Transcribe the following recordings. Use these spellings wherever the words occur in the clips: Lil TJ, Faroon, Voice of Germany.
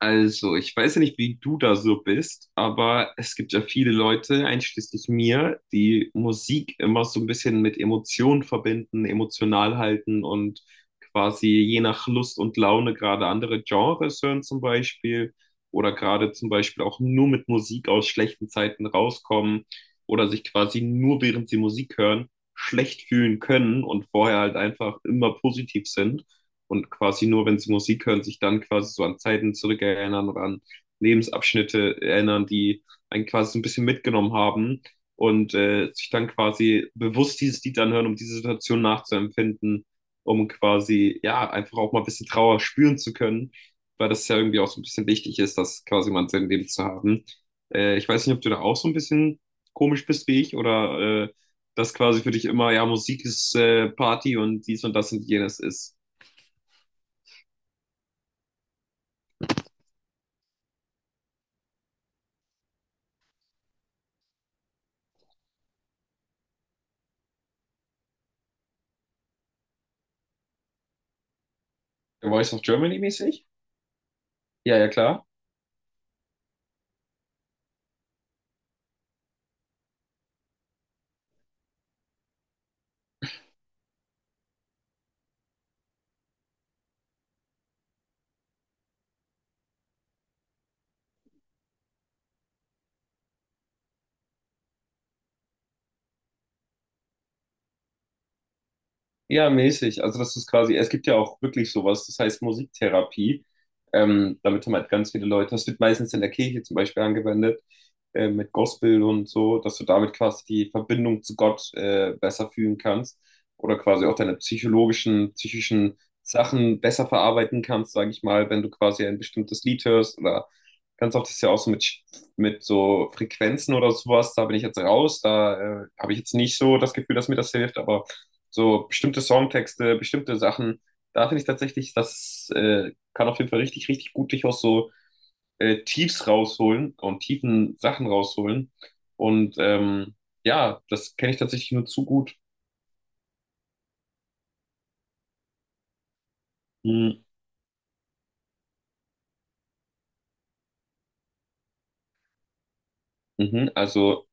Also, ich weiß ja nicht, wie du da so bist, aber es gibt ja viele Leute, einschließlich mir, die Musik immer so ein bisschen mit Emotionen verbinden, emotional halten und quasi je nach Lust und Laune gerade andere Genres hören zum Beispiel oder gerade zum Beispiel auch nur mit Musik aus schlechten Zeiten rauskommen oder sich quasi nur während sie Musik hören schlecht fühlen können und vorher halt einfach immer positiv sind und quasi nur, wenn sie Musik hören, sich dann quasi so an Zeiten zurückerinnern oder an Lebensabschnitte erinnern, die einen quasi so ein bisschen mitgenommen haben und sich dann quasi bewusst dieses Lied anhören, um diese Situation nachzuempfinden, um quasi ja einfach auch mal ein bisschen Trauer spüren zu können, weil das ja irgendwie auch so ein bisschen wichtig ist, das quasi mal in seinem Leben zu haben. Ich weiß nicht, ob du da auch so ein bisschen komisch bist wie ich oder das quasi für dich immer, ja, Musik ist Party und dies und das und jenes ist. Voice of Germany mäßig? Ja, ja, klar. Ja, mäßig. Also das ist quasi, es gibt ja auch wirklich sowas, das heißt Musiktherapie. Damit haben halt ganz viele Leute, das wird meistens in der Kirche zum Beispiel angewendet, mit Gospel und so, dass du damit quasi die Verbindung zu Gott besser fühlen kannst oder quasi auch deine psychologischen, psychischen Sachen besser verarbeiten kannst, sage ich mal, wenn du quasi ein bestimmtes Lied hörst oder ganz oft ist ja auch so mit, so Frequenzen oder sowas. Da bin ich jetzt raus, da habe ich jetzt nicht so das Gefühl, dass mir das hilft, aber so bestimmte Songtexte, bestimmte Sachen. Da finde ich tatsächlich, das kann auf jeden Fall richtig, richtig gut dich aus so Tiefs rausholen und tiefen Sachen rausholen. Und ja, das kenne ich tatsächlich nur zu gut. Mhm. Mhm. Also,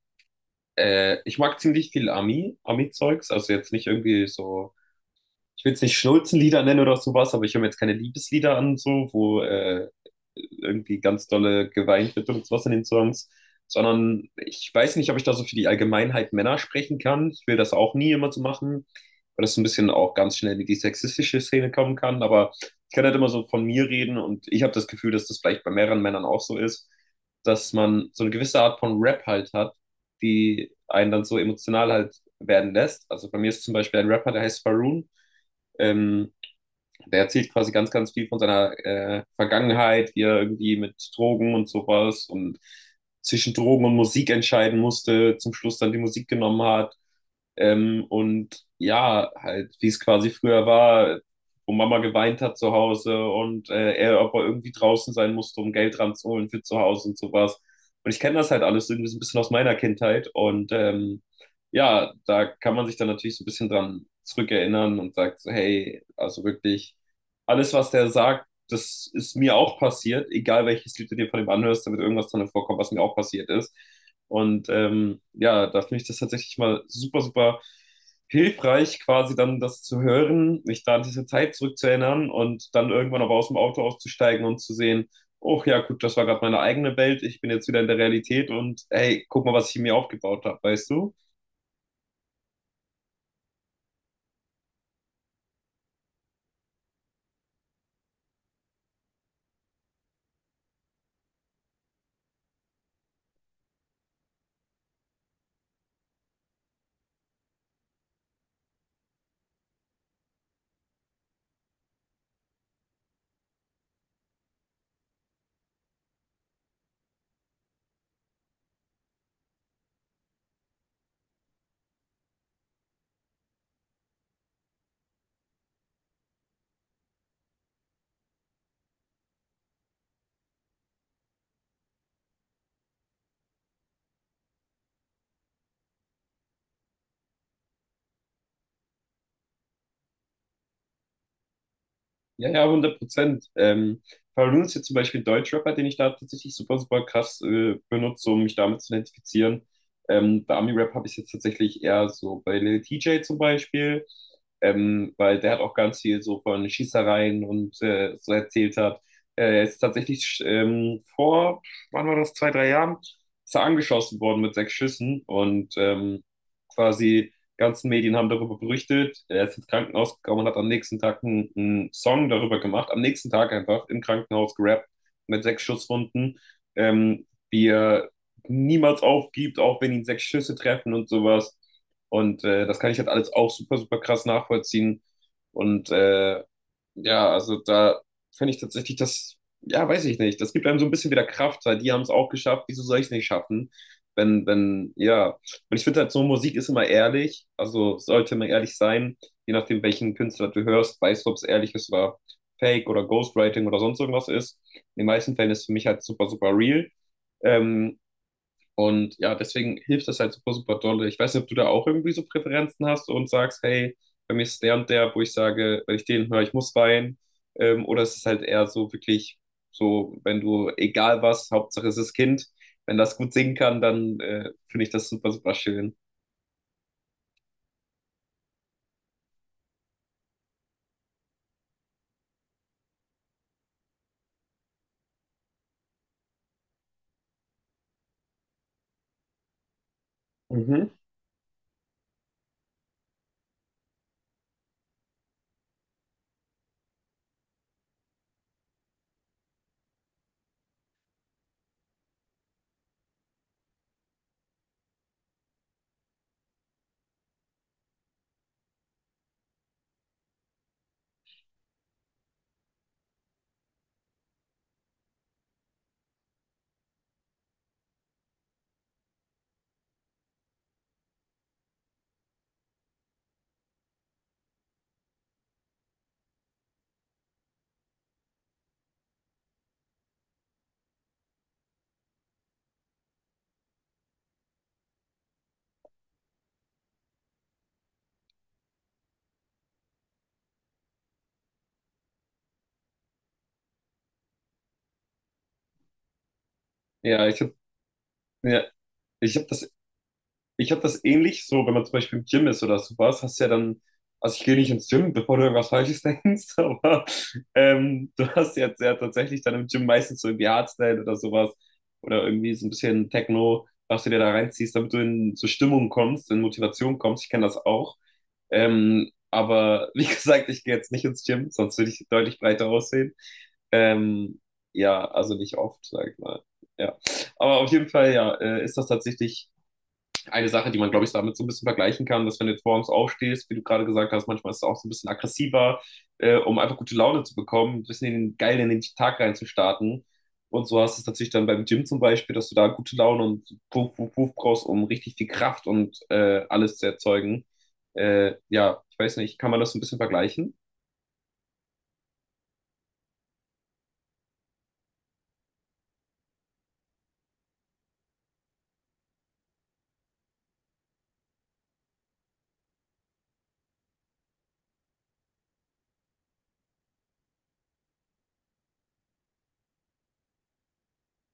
ich mag ziemlich viel Ami, Ami-Zeugs, also jetzt nicht irgendwie so, ich will es nicht Schnulzenlieder nennen oder sowas, aber ich höre mir jetzt keine Liebeslieder an, so, wo irgendwie ganz dolle geweint wird und sowas in den Songs, sondern ich weiß nicht, ob ich da so für die Allgemeinheit Männer sprechen kann. Ich will das auch nie immer so machen, weil das so ein bisschen auch ganz schnell in die sexistische Szene kommen kann, aber ich kann halt immer so von mir reden und ich habe das Gefühl, dass das vielleicht bei mehreren Männern auch so ist, dass man so eine gewisse Art von Rap halt hat, die einen dann so emotional halt werden lässt. Also bei mir ist zum Beispiel ein Rapper, der heißt Faroon. Ähm, Der erzählt quasi ganz, ganz viel von seiner Vergangenheit, wie er irgendwie mit Drogen und sowas und zwischen Drogen und Musik entscheiden musste, zum Schluss dann die Musik genommen hat, und ja, halt, wie es quasi früher war, wo Mama geweint hat zu Hause und ob er irgendwie draußen sein musste, um Geld ranzuholen für zu Hause und sowas. Und ich kenne das halt alles irgendwie so ein bisschen aus meiner Kindheit. Und ja, da kann man sich dann natürlich so ein bisschen dran zurückerinnern und sagt so, hey, also wirklich, alles, was der sagt, das ist mir auch passiert, egal welches Lied du dir von ihm anhörst, da wird irgendwas drin vorkommen, was mir auch passiert ist. Und ja, da finde ich das tatsächlich mal super, super hilfreich, quasi dann das zu hören, mich da an diese Zeit zurückzuerinnern und dann irgendwann aber aus dem Auto auszusteigen und zu sehen, oh ja, gut, das war gerade meine eigene Welt, ich bin jetzt wieder in der Realität und hey, guck mal, was ich mir aufgebaut habe, weißt du? Ja, ja, 100%. Faroon ist jetzt zum Beispiel ein Deutschrapper, den ich da tatsächlich super, super krass benutze, um mich damit zu identifizieren. Bei Ami-Rap habe ich es jetzt tatsächlich eher so bei Lil TJ zum Beispiel, weil der hat auch ganz viel so von Schießereien und so erzählt hat. Er ist tatsächlich vor, wann war das, zwei, drei Jahren, ist er angeschossen worden mit sechs Schüssen und quasi ganzen Medien haben darüber berichtet. Er ist ins Krankenhaus gekommen und hat am nächsten Tag einen Song darüber gemacht. Am nächsten Tag einfach im Krankenhaus gerappt mit sechs Schusswunden, wie er niemals aufgibt, auch wenn ihn sechs Schüsse treffen und sowas. Und das kann ich halt alles auch super, super krass nachvollziehen. Und ja, also da finde ich tatsächlich das, ja, weiß ich nicht. Das gibt einem so ein bisschen wieder Kraft, weil die haben es auch geschafft. Wieso soll ich es nicht schaffen? Wenn, wenn, ja. Und ich finde halt so, Musik ist immer ehrlich. Also sollte man ehrlich sein. Je nachdem, welchen Künstler du hörst, weißt du, ob es ehrlich ist oder Fake oder Ghostwriting oder sonst irgendwas ist. In den meisten Fällen ist es für mich halt super, super real. Ähm, und ja, deswegen hilft das halt super, super dolle. Ich weiß nicht, ob du da auch irgendwie so Präferenzen hast und sagst, hey, bei mir ist der und der, wo ich sage, wenn ich den höre, ich muss weinen. Oder es ist halt eher so wirklich so, wenn du, egal was, Hauptsache es ist Kind, wenn das gut singen kann, dann finde ich das super, super schön. Mhm. Ja, ich habe ja, ich hab das Ich habe das ähnlich so, wenn man zum Beispiel im Gym ist oder sowas, hast du ja dann, also ich gehe nicht ins Gym, bevor du irgendwas Falsches denkst, aber du hast jetzt ja tatsächlich dann im Gym meistens so irgendwie Hardstyle oder sowas oder irgendwie so ein bisschen Techno, was du dir da reinziehst, damit du in so Stimmung kommst, in Motivation kommst. Ich kenne das auch. Aber wie gesagt, ich gehe jetzt nicht ins Gym, sonst würde ich deutlich breiter aussehen. Ähm, ja, also nicht oft, sag ich mal. Ja. Aber auf jeden Fall, ja, ist das tatsächlich eine Sache, die man, glaube ich, damit so ein bisschen vergleichen kann, dass wenn du jetzt morgens aufstehst, wie du gerade gesagt hast, manchmal ist es auch so ein bisschen aggressiver, um einfach gute Laune zu bekommen, ein bisschen in den, geil in den Tag reinzustarten. Und so hast du es natürlich dann beim Gym zum Beispiel, dass du da gute Laune und Puff, Puff, Puff brauchst, um richtig viel Kraft und alles zu erzeugen. Ja, ich weiß nicht, kann man das so ein bisschen vergleichen?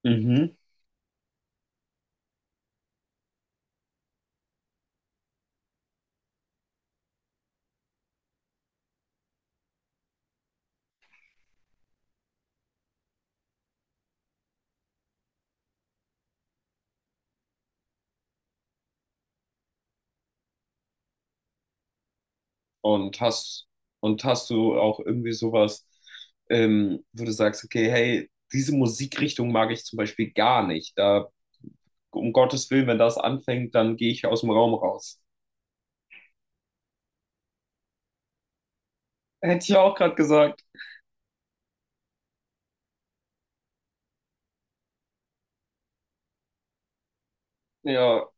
Mhm. Und hast, und hast du auch irgendwie sowas, wo du sagst, okay, hey, diese Musikrichtung mag ich zum Beispiel gar nicht. Da um Gottes Willen, wenn das anfängt, dann gehe ich aus dem Raum raus. Hätte ich auch gerade gesagt. Ja,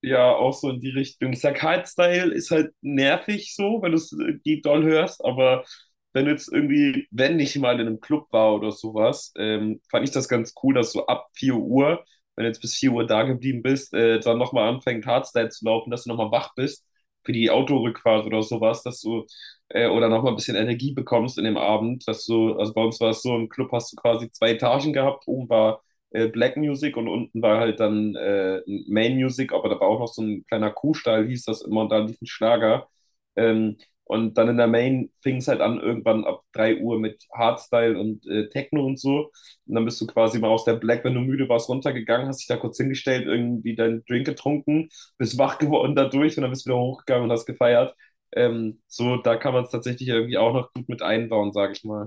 ja, auch so in die Richtung. Zack Hyde-Style ist halt nervig so, wenn du es die doll hörst, aber wenn du jetzt irgendwie, wenn ich mal in einem Club war oder sowas, fand ich das ganz cool, dass so ab 4 Uhr, wenn du jetzt bis 4 Uhr da geblieben bist, dann nochmal anfängt Hardstyle zu laufen, dass du nochmal wach bist für die Autorückfahrt oder sowas, dass du oder nochmal ein bisschen Energie bekommst in dem Abend, dass du, also bei uns war es so, im Club hast du quasi zwei Etagen gehabt, oben war Black Music und unten war halt dann Main Music, aber da war auch noch so ein kleiner Kuhstall, hieß das immer, und da lief ein Schlager. Ähm, und dann in der Main fing es halt an, irgendwann ab 3 Uhr mit Hardstyle und Techno und so. Und dann bist du quasi mal aus der Black, wenn du müde warst, runtergegangen, hast dich da kurz hingestellt, irgendwie deinen Drink getrunken, bist wach geworden dadurch und dann bist du wieder hochgegangen und hast gefeiert. So, da kann man es tatsächlich irgendwie auch noch gut mit einbauen, sage ich mal.